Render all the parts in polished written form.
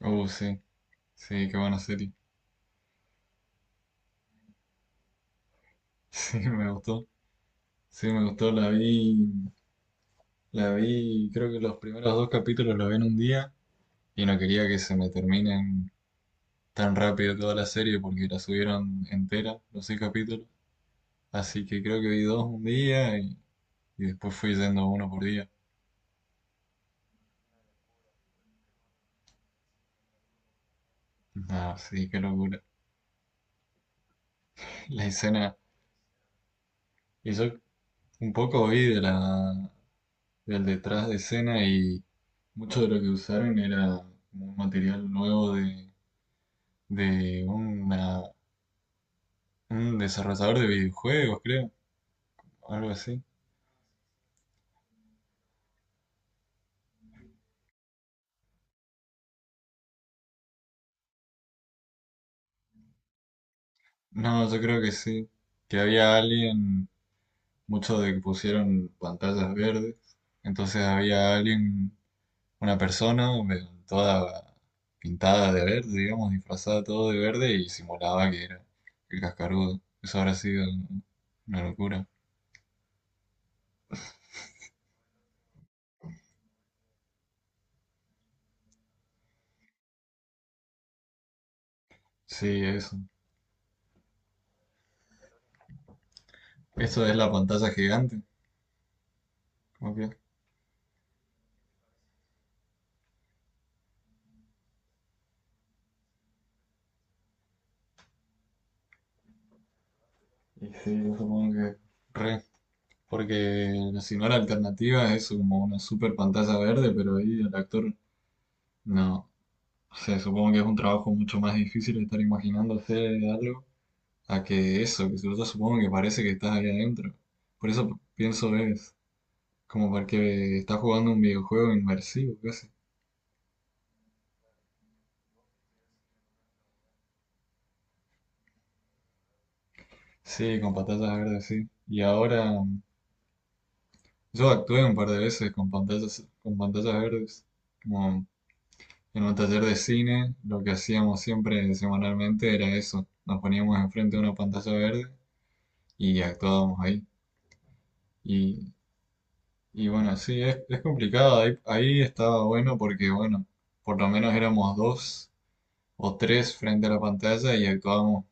Oh, sí, sí, qué buena serie. Sí, me gustó. Sí, me gustó. La vi, creo que los primeros dos capítulos los vi en un día y no quería que se me terminen tan rápido toda la serie porque la subieron entera, los seis capítulos. Así que creo que vi dos un día y después fui yendo uno por día. Ah, sí, qué locura. La escena, y yo un poco vi del detrás de escena y mucho de lo que usaron era como un material nuevo de un desarrollador de videojuegos, creo, algo así. No, yo creo que sí, que había alguien, mucho de que pusieron pantallas verdes, entonces había alguien, una persona toda pintada de verde, digamos, disfrazada todo de verde y simulaba que era el cascarudo. Eso habrá sido una locura. Sí, eso. Eso es la pantalla gigante. Ok. Y sí, yo supongo que re. Porque si no la alternativa es como una super pantalla verde, pero ahí el actor no. O sea, supongo que es un trabajo mucho más difícil estar imaginándose algo a que eso, que si yo supongo que parece que estás ahí adentro. Por eso pienso es como porque estás jugando un videojuego inmersivo casi. Sí, con pantallas verdes, sí. Y ahora yo actué un par de veces con pantallas verdes. Como en un taller de cine, lo que hacíamos siempre semanalmente era eso. Nos poníamos enfrente de una pantalla verde y actuábamos ahí. Y, y bueno, sí, es complicado. Ahí estaba bueno porque, bueno, por lo menos éramos dos o tres frente a la pantalla y actuábamos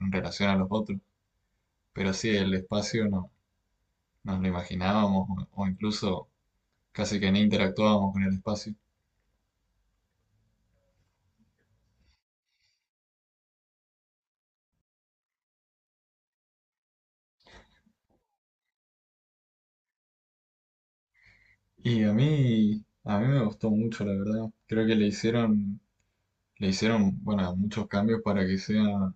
en relación a los otros. Pero sí, el espacio no nos lo imaginábamos o incluso casi que ni interactuábamos con el espacio. Y a mí me gustó mucho, la verdad. Creo que le hicieron, bueno, muchos cambios para que sea,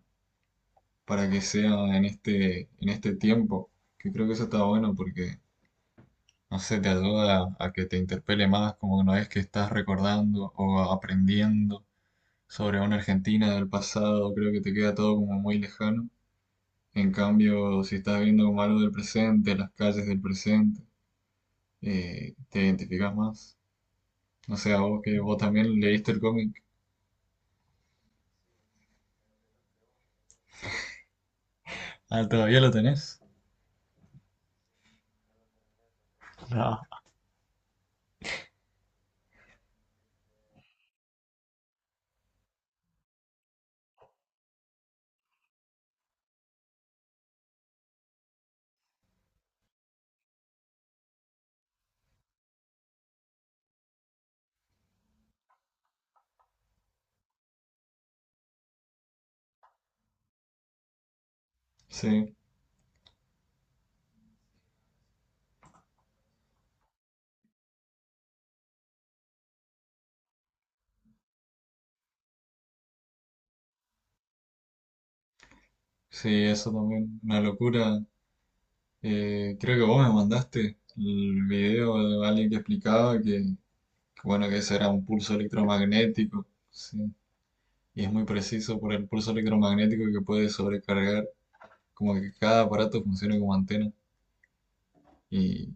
para que sea en este tiempo, que creo que eso está bueno porque, no sé, te ayuda a que te interpele más, como que no es que estás recordando o aprendiendo sobre una Argentina del pasado, creo que te queda todo como muy lejano. En cambio, si estás viendo como algo del presente, las calles del presente, te identificas más. No sé, a vos que vos también leíste el cómic. Ah, ¿todavía lo tenés? No, sí. Sí, eso también, una locura. Creo que vos me mandaste el video de alguien que explicaba bueno, que ese era un pulso electromagnético, sí. Y es muy preciso por el pulso electromagnético que puede sobrecargar, como que cada aparato funcione como antena. Y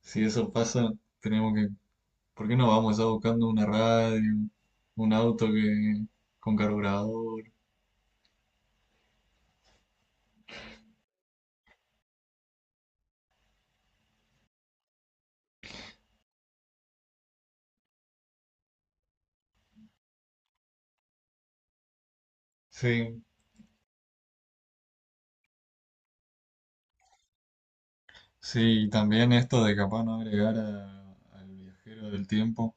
si eso pasa, tenemos que, ¿por qué no vamos a buscando una radio, un auto que, con carburador? Sí, sí, y también esto de capaz no agregar al viajero del tiempo.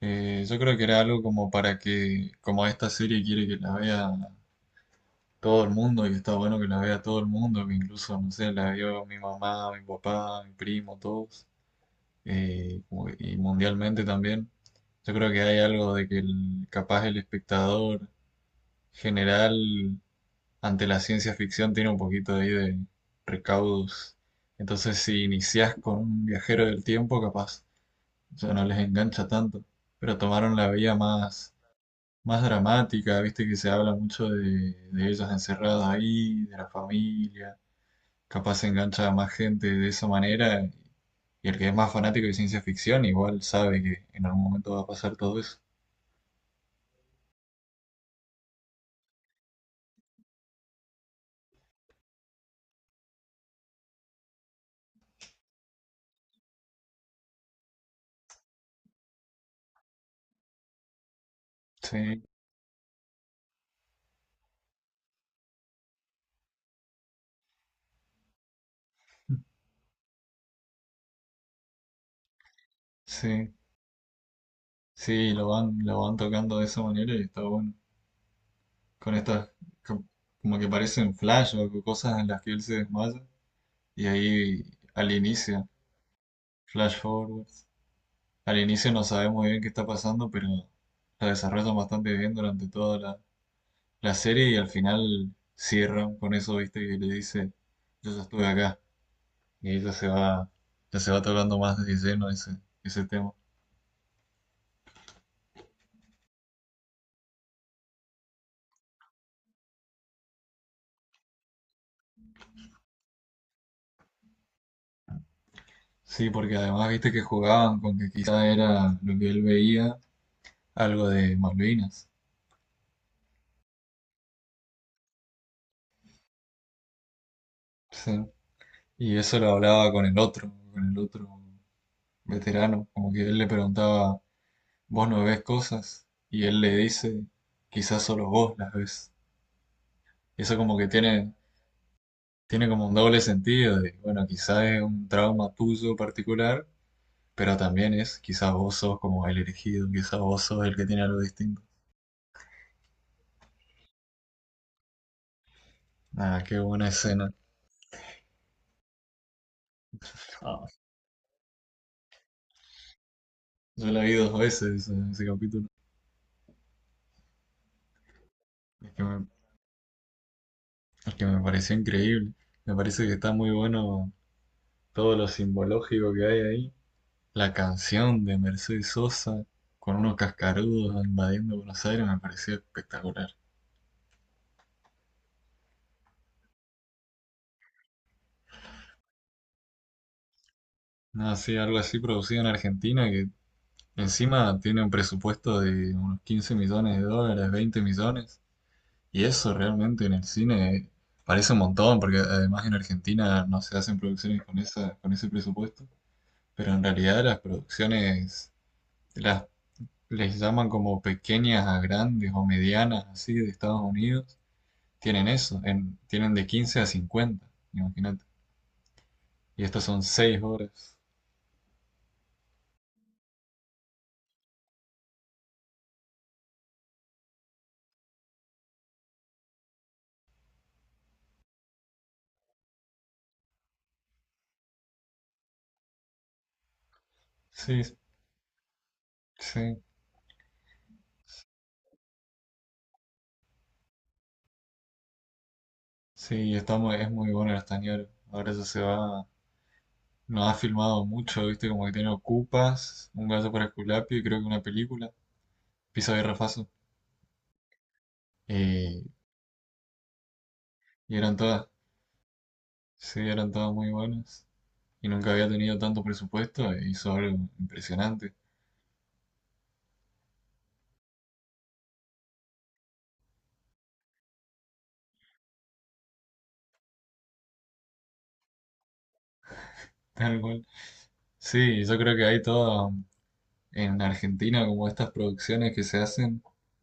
Yo creo que era algo como para que, como esta serie quiere que la vea todo el mundo y que está bueno que la vea todo el mundo, que incluso, no sé, la vio mi mamá, mi papá, mi primo, todos, y mundialmente también. Yo creo que hay algo de que el, capaz el espectador general ante la ciencia ficción tiene un poquito ahí de recaudos. Entonces, si iniciás con un viajero del tiempo, capaz, o sea no les engancha tanto, pero tomaron la vía más dramática, viste que se habla mucho de ellas encerradas ahí, de la familia, capaz se engancha a más gente de esa manera, y el que es más fanático de ciencia ficción igual sabe que en algún momento va a pasar todo eso. Sí, sí, sí, lo van tocando de esa manera y está bueno, con estas co- como que parecen flash o cosas en las que él se desmaya, y ahí al inicio, flash forward. Al inicio no sabes muy bien qué está pasando, pero la desarrollan bastante bien durante toda la serie y al final cierran con eso, viste, que le dice, yo ya estuve acá. Y ahí ya se va, tocando más de lleno ese tema. Sí, porque además viste que jugaban con que quizá era lo que él veía, algo de Malvinas. Sí. Y eso lo hablaba con el otro veterano, como que él le preguntaba, ¿vos no ves cosas? Y él le dice, quizás solo vos las ves. Y eso como que tiene como un doble sentido de, bueno, quizás es un trauma tuyo particular, pero también es, quizás vos sos como el elegido, quizás vos sos el que tiene algo distinto. Ah, qué buena escena. Ah, yo la vi dos veces ese capítulo. Es que me, es que me pareció increíble. Me parece que está muy bueno todo lo simbológico que hay ahí. La canción de Mercedes Sosa con unos cascarudos invadiendo Buenos Aires me pareció espectacular. No, sí, algo así producido en Argentina que encima tiene un presupuesto de unos 15 millones de dólares, 20 millones, y eso realmente en el cine parece un montón, porque además en Argentina no se hacen producciones con esa, con ese presupuesto, pero en realidad las producciones las, les llaman como pequeñas a grandes o medianas, así, de Estados Unidos, tienen eso, tienen de 15 a 50, imagínate, y estas son 6 horas. Sí, sí, sí, está es muy bueno el Castañero, ahora ya se va. No ha filmado mucho, viste, como que tiene Ocupas, Un gato para Esculapio y creo que una película, Pisa y Rafazo. Eh, y eran todas, sí, eran todas muy buenas. Y nunca había tenido tanto presupuesto e hizo algo impresionante, tal cual. Sí, yo creo que hay todo en Argentina, como estas producciones que se hacen,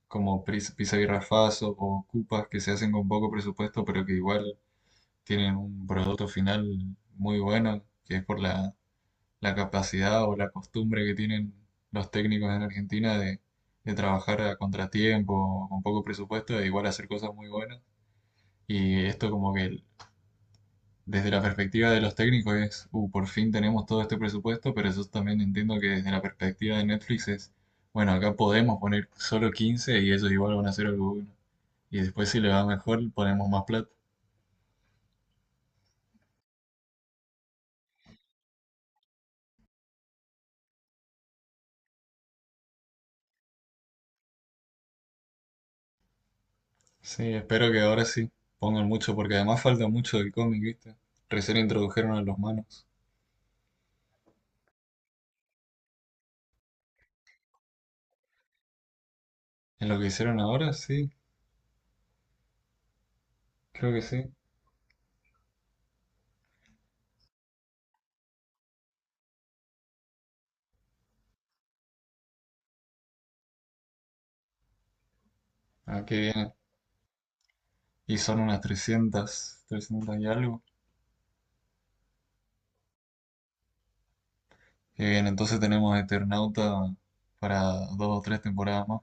como Pisa y Rafazo o Ocupas, que se hacen con poco presupuesto, pero que igual tienen un producto final muy bueno, que es por la capacidad o la costumbre que tienen los técnicos en Argentina de trabajar a contratiempo, con poco presupuesto, e igual hacer cosas muy buenas. Y esto como que desde la perspectiva de los técnicos es, Por fin tenemos todo este presupuesto, pero yo también entiendo que desde la perspectiva de Netflix es, bueno, acá podemos poner solo 15 y ellos igual van a hacer algo bueno. Y después si le va mejor ponemos más plata. Sí, espero que ahora sí pongan mucho, porque además falta mucho del cómic, ¿viste? Recién introdujeron a los manos. En lo que hicieron ahora, sí, creo que sí. Ah, qué bien. Y son unas 300, 300 y algo. Qué bien, entonces tenemos Eternauta para dos o tres temporadas más.